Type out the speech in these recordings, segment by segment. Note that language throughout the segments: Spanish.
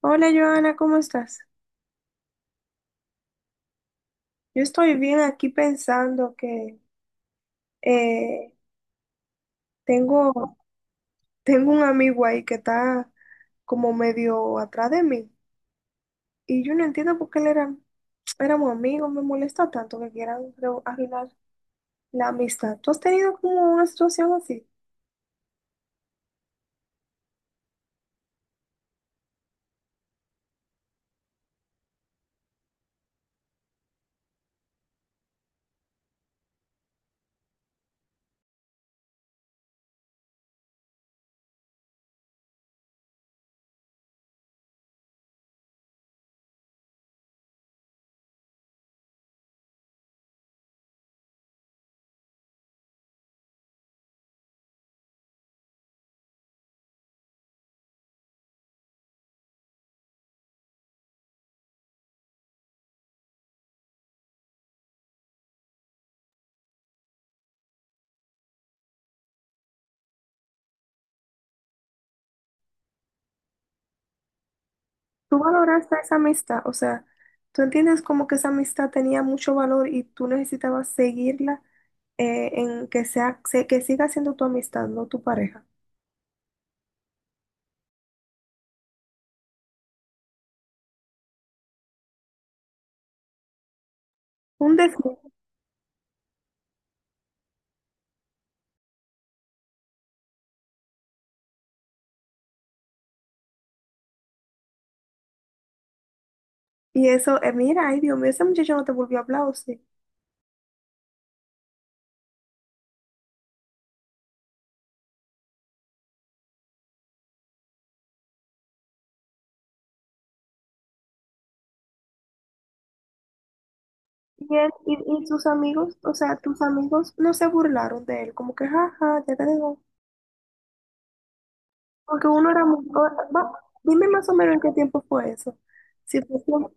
Hola, Joana, ¿cómo estás? Yo estoy bien aquí pensando que eh, tengo, tengo un amigo ahí que está como medio atrás de mí y yo no entiendo por qué él era, éramos amigos, me molesta tanto que quieran creo, arruinar la amistad. ¿Tú has tenido como una situación así? ¿Tú valoraste esa amistad? O sea, ¿tú entiendes como que esa amistad tenía mucho valor y tú necesitabas seguirla en que sea, que siga siendo tu amistad, no tu pareja? Un desvío. Y eso, mira, ay, Dios mío, ese muchacho no te volvió a hablar, ¿o sí? Y él y sus amigos, o sea, tus amigos no se burlaron de él, como que, jaja, ya te digo. Porque uno era muy... o- va, dime más o menos en qué tiempo fue eso. Si fue, como-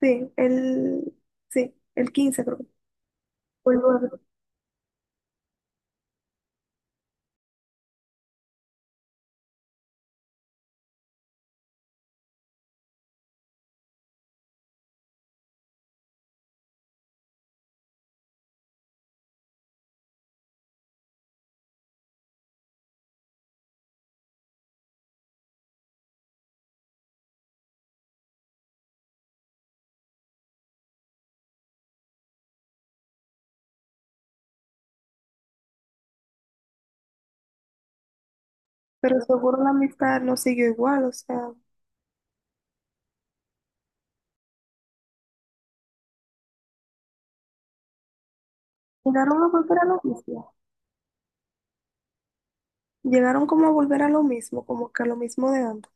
sí, el, sí, el 15 creo. Que fue el 9. Pero seguro la amistad no siguió igual, o sea, llegaron a volver a lo mismo. Llegaron como a volver a lo mismo, como que a lo mismo de antes.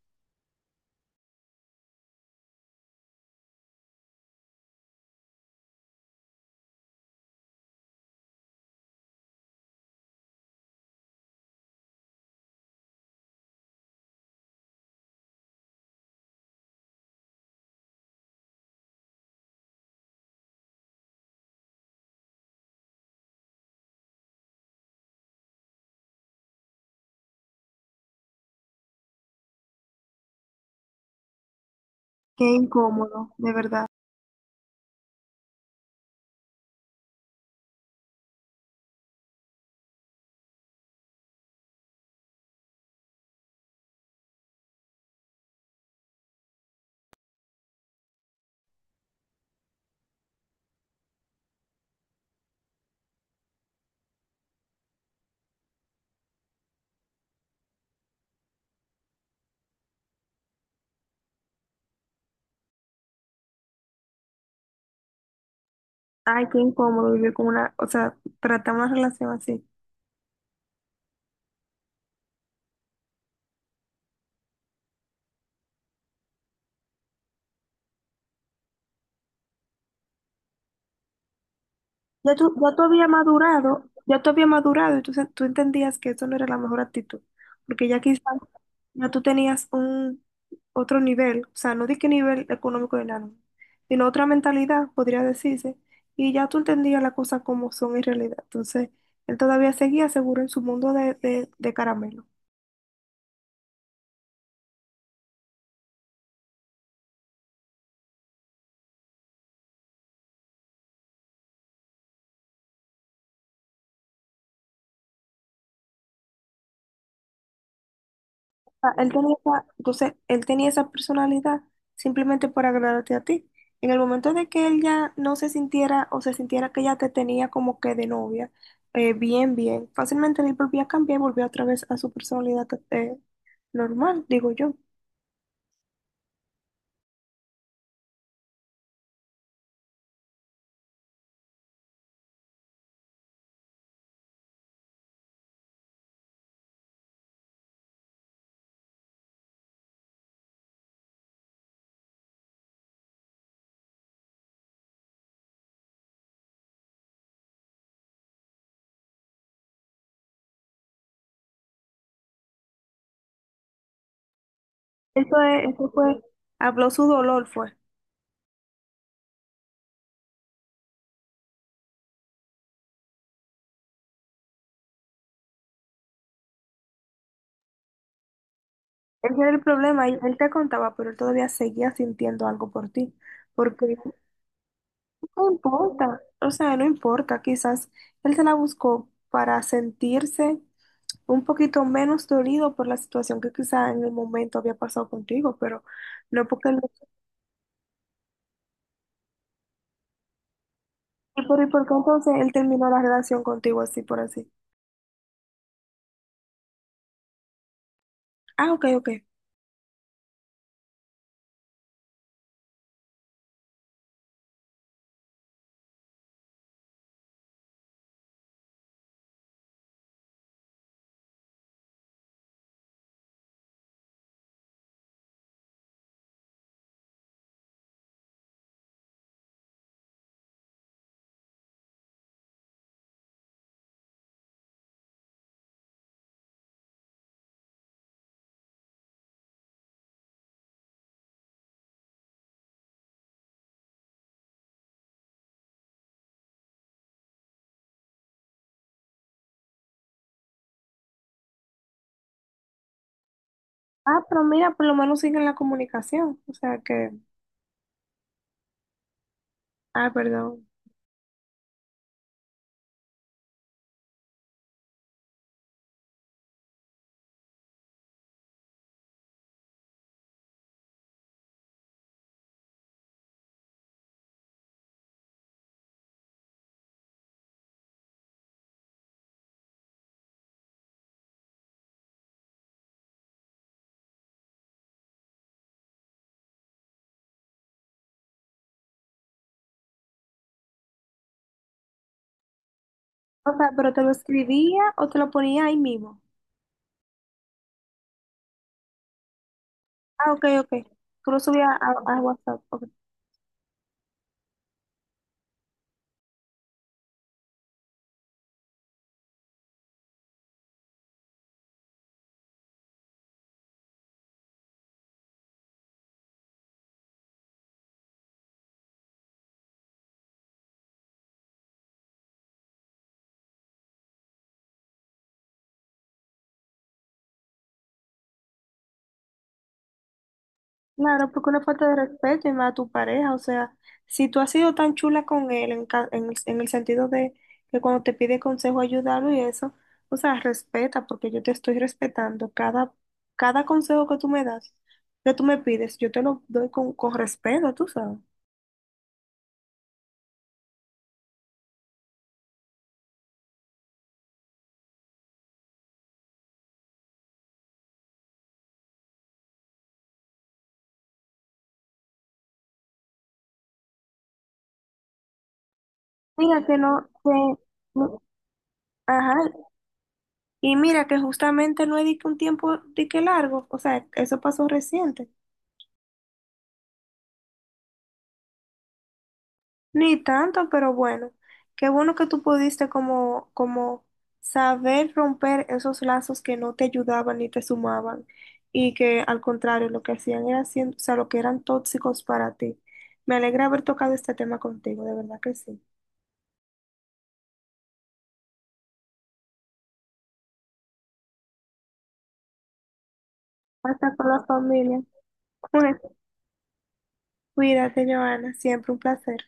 Qué incómodo, de verdad. Ay, qué incómodo vivir con una, o sea, tratar una relación así. Ya tú habías madurado, ya tú habías madurado, y tú se- tú entendías que eso no era la mejor actitud, porque ya quizás ya tú tenías un otro nivel, o sea, no di que nivel económico de nada, sino otra mentalidad, podría decirse, y ya tú entendías las cosas como son en realidad. Entonces, él todavía seguía seguro en su mundo de caramelo. Sea, él tenía esa, entonces, él tenía esa personalidad simplemente por agradarte a ti. En el momento de que él ya no se sintiera o se sintiera que ya te tenía como que de novia, bien, bien, fácilmente él volvía a cambiar y volvía otra vez a su personalidad normal, digo yo. Eso es, eso fue, habló su dolor, fue. Ese era el problema, él te contaba, pero él todavía seguía sintiendo algo por ti, porque no importa, o sea, no importa, quizás él se la buscó para sentirse un poquito menos dolido por la situación que quizá en el momento había pasado contigo, pero no porque él... y por qué entonces él terminó la relación contigo así por así? Ah, ok, ok. Ah, pero mira, por lo menos siguen la comunicación. O sea que... Ah, perdón. O sea, pero te lo escribía o te lo ponía ahí mismo. Ah, ok, ok. Tú lo subías a WhatsApp. Ok. Claro, porque una falta de respeto y más a tu pareja, o sea, si tú has sido tan chula con él en, ca- en el sentido de que cuando te pide consejo ayudarlo y eso, o sea, respeta, porque yo te estoy respetando cada, cada consejo que tú me das, que tú me pides, yo te lo doy con respeto, tú sabes. Mira que, no- ajá, y mira que justamente no es de que un tiempo de que largo, o sea, eso pasó reciente. Ni tanto, pero bueno, qué bueno que tú pudiste como, como saber romper esos lazos que no te ayudaban ni te sumaban y que al contrario lo que hacían era siendo, o sea, lo que eran tóxicos para ti. Me alegra haber tocado este tema contigo, de verdad que sí. Hasta con la familia. Bueno, cuídate, Joana, siempre un placer.